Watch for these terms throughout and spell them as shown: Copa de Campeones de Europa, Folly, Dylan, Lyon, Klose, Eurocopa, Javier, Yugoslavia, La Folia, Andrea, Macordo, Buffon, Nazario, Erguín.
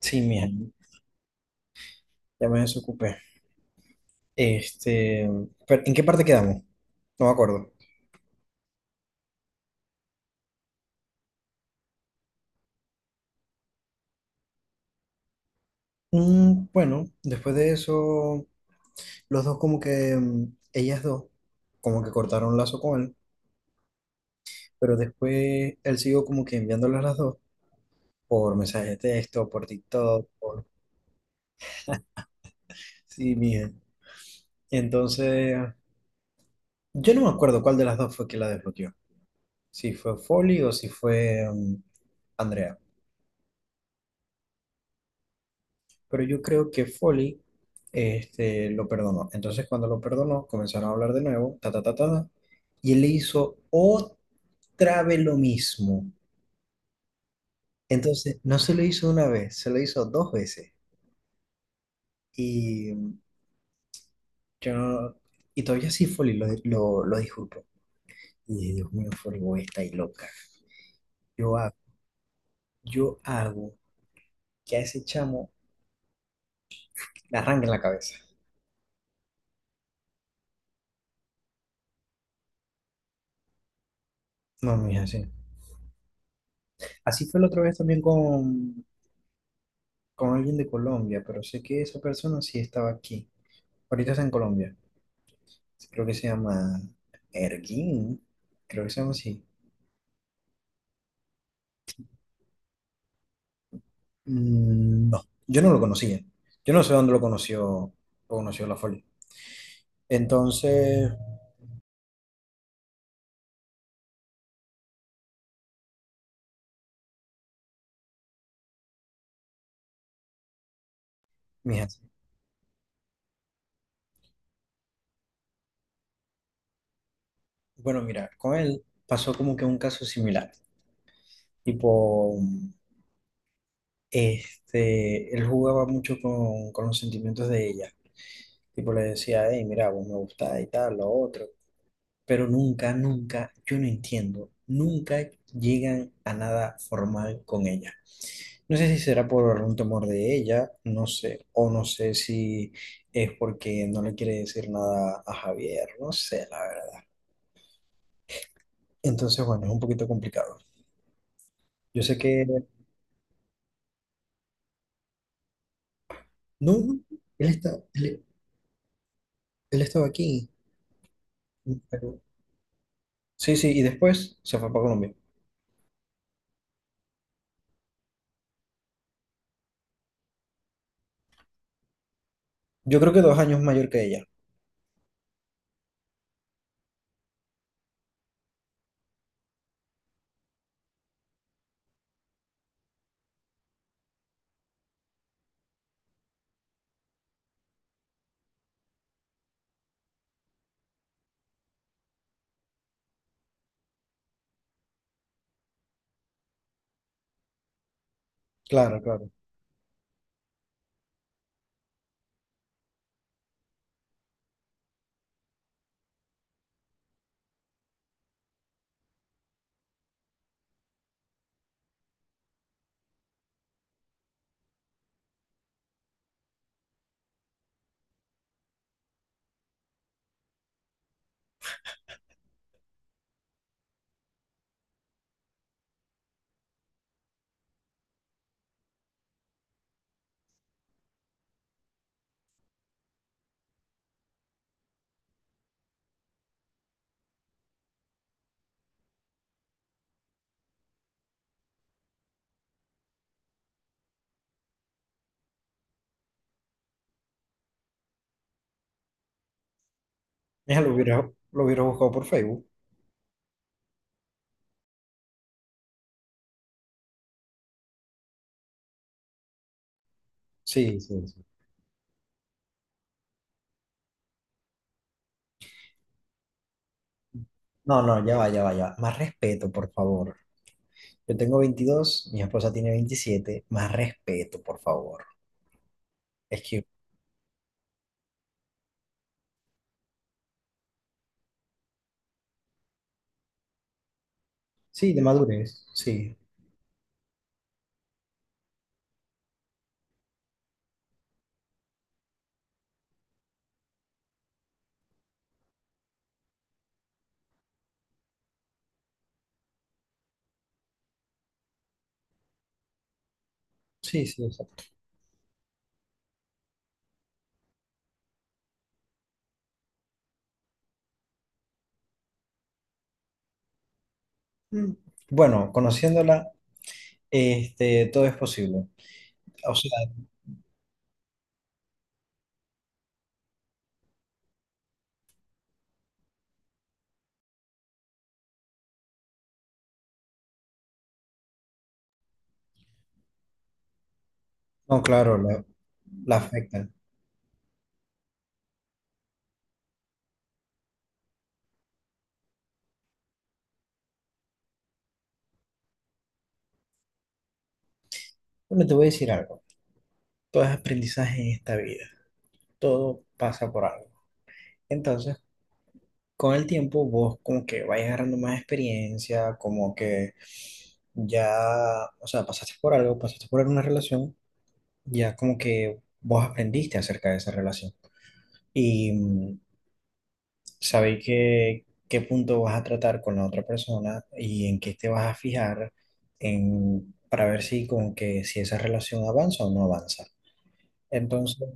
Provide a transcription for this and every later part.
Sí, mija, ya me desocupé. Este, pero ¿en qué parte quedamos? No me acuerdo. Bueno, después de eso, los dos como que, ellas dos, como que cortaron lazo con él, pero después él siguió como que enviándolas las dos por mensaje de texto, por TikTok, por... Sí, mija. Entonces, yo no me acuerdo cuál de las dos fue que la desbloqueó. Si fue Folly o si fue Andrea. Pero yo creo que Foley este, lo perdonó. Entonces, cuando lo perdonó, comenzaron a hablar de nuevo, ta, ta, ta, ta, ta, y él le hizo otra vez lo mismo. Entonces, no se lo hizo una vez, se lo hizo 2 veces. Y yo no- y todavía sí Foley lo disculpo. Y dije, Dios mío, Foley, vos estáis loca. Yo hago, yo hago que a ese chamo le arranquen la cabeza. No, mija, sí. Así fue la otra vez también con alguien de Colombia, pero sé que esa persona sí estaba aquí. Ahorita está en Colombia. Sí, creo que se llama Erguín. Creo que se llama así. Mm, no, yo no lo conocía. Yo no sé dónde lo conoció La Folia. Entonces, mija, bueno, mira, con él pasó como que un caso similar. Tipo, este, él jugaba mucho con los sentimientos de ella. Tipo, le decía, hey, mira, vos me gusta y tal, lo otro. Pero nunca, nunca, yo no entiendo, nunca llegan a nada formal con ella. No sé si será por un temor de ella, no sé, o no sé si es porque no le quiere decir nada a Javier, no sé, la verdad. Entonces, bueno, es un poquito complicado. Yo sé que, no, no, él está, él, él estaba aquí, pero- sí, sí, y después se fue para Colombia. Yo creo que 2 años mayor que ella. Claro, claro. Ella lo hubiera buscado por Facebook. Sí, sí, sí. No, no, ya va, ya va, ya va. Más respeto, por favor. Yo tengo 22, mi esposa tiene 27. Más respeto, por favor. Es que sí, de madurez, sí, sí, sí, exacto. Mm. Bueno, conociéndola, este, todo es posible. O sea, no, claro, la, afectan. Bueno, te voy a decir algo. Todo es aprendizaje en esta vida. Todo pasa por algo. Entonces, con el tiempo, vos como que vas agarrando más experiencia, como que ya, o sea, pasaste por algo, pasaste por una relación, ya como que vos aprendiste acerca de esa relación. Y sabéis qué, qué punto vas a tratar con la otra persona y en qué te vas a fijar en, para ver si con que si esa relación avanza o no avanza. Entonces,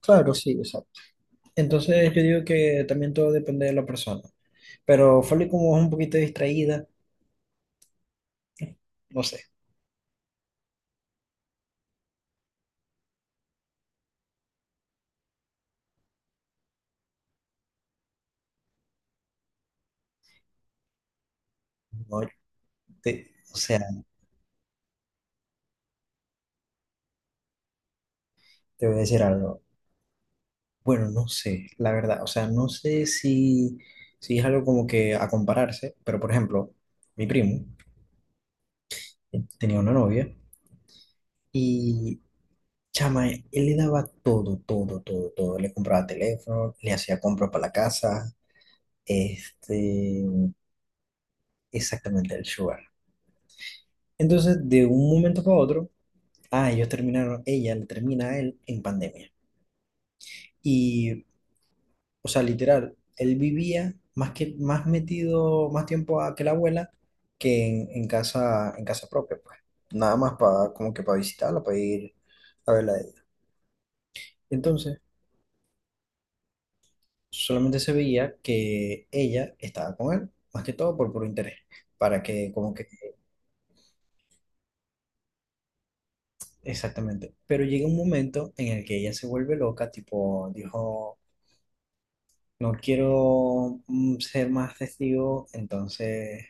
claro, sí, exacto. Entonces yo digo que también todo depende de la persona. Pero Folly como es un poquito distraída, no sé, no te- o sea, te voy a decir algo. Bueno, no sé, la verdad, o sea, no sé si es algo como que a compararse, pero por ejemplo, mi primo tenía una novia y chama, él le daba todo, todo, todo, todo. Le compraba teléfono, le hacía compra para la casa, este, exactamente el sugar. Entonces, de un momento para otro, ah, ellos terminaron, ella le termina a él en pandemia. Y, o sea, literal, él vivía más que, más metido, más tiempo a que la abuela que en casa, en casa propia, pues. Nada más para, como que para visitarla, para ir a verla a ella. Entonces, solamente se veía que ella estaba con él, más que todo por puro interés, para que como que, exactamente. Pero llega un momento en el que ella se vuelve loca, tipo, dijo, no quiero ser más testigo, entonces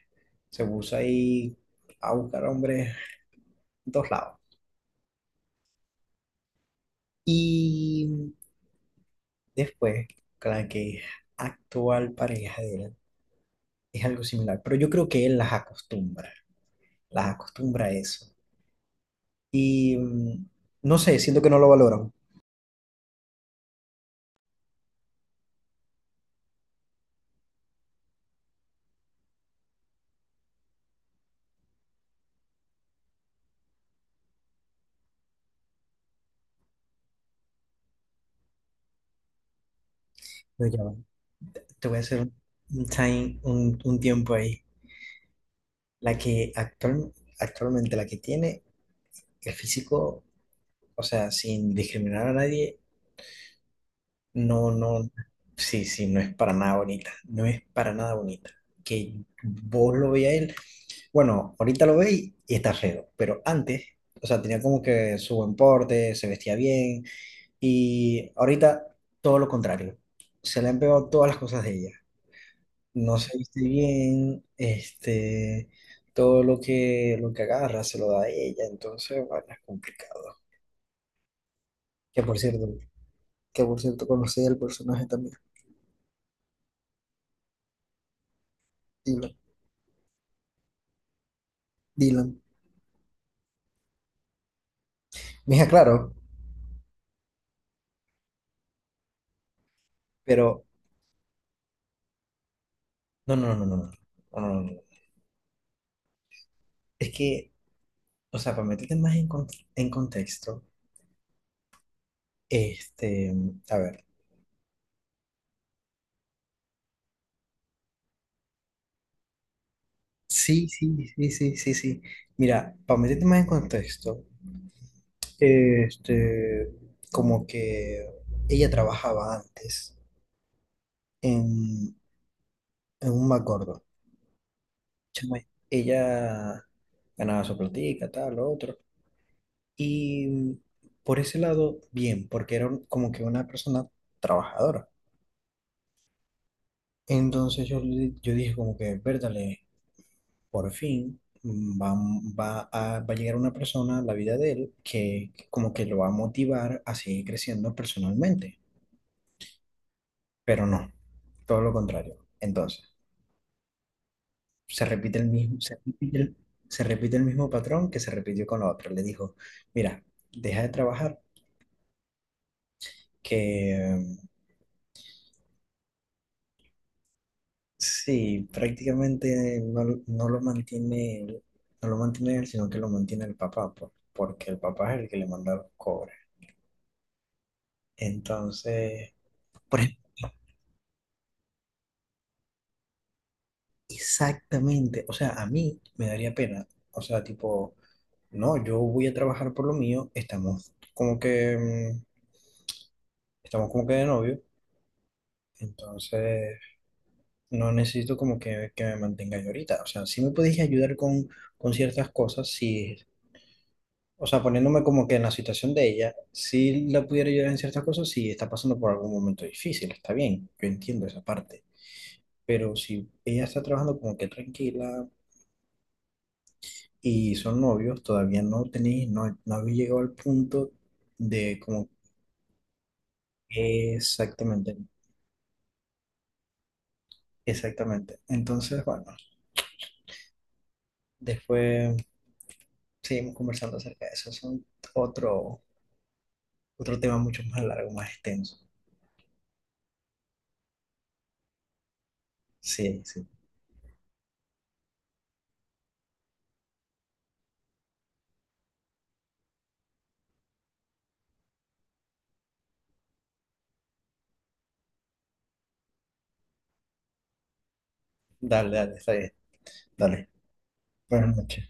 se puso ahí a buscar hombres en todos lados. Y después, con la que actual pareja de él, es algo similar, pero yo creo que él las acostumbra a eso. Y no sé, siento que no lo valoran. Pero ya va, te voy a hacer un tiempo ahí. La que actualmente, la que tiene el físico, o sea, sin discriminar a nadie, no, no, sí, sí, no es para nada bonita. No es para nada bonita. Que vos lo veas a él, bueno, ahorita lo veis y está feo, pero antes, o sea, tenía como que su buen porte, se vestía bien, y ahorita todo lo contrario. Se le han pegado todas las cosas de ella. No se viste bien, este, todo lo que agarra se lo da a ella, entonces, bueno, es complicado. Que por cierto, que por cierto conocí el personaje también, Dylan. Dylan. Mija, claro, pero no, no, no, no, no, no, no, no, no, no, es que, o sea, para meterte más en contexto, este, a ver, sí, sí, sí, sí, sí, sí. Mira, para meterte más en contexto, este, como que ella trabajaba antes en, en un Macordo. Chama, ella ganaba su platica, tal, lo otro. Y por ese lado, bien, porque era como que una persona trabajadora. Entonces yo dije como que, verdale, por fin va a llegar una persona a la vida de él que como que lo va a motivar a seguir creciendo personalmente. Pero no, todo lo contrario. Entonces... se repite el mismo, se repite el, se repite el mismo patrón que se repitió con la otra. Le dijo, mira, deja de trabajar, que sí, prácticamente no, no lo mantiene, no lo mantiene él, sino que lo mantiene el papá, porque el papá es el que le manda los cobres. Entonces, por ejemplo, exactamente, o sea, a mí me daría pena, o sea, tipo, no, yo voy a trabajar por lo mío, estamos como que de novio, entonces no necesito como que me mantenga yo ahorita. O sea, sí me podéis ayudar con ciertas cosas, si, o sea, poniéndome como que en la situación de ella, si la pudiera ayudar en ciertas cosas, si está pasando por algún momento difícil, está bien, yo entiendo esa parte. Pero si ella está trabajando como que tranquila y son novios, todavía no tenéis, no, no habéis llegado al punto de como Exactamente, exactamente. Entonces, bueno, después seguimos conversando acerca de eso. Es otro otro tema mucho más largo, más extenso. Sí, sí. Dale, dale, está bien. Dale. Buenas noches.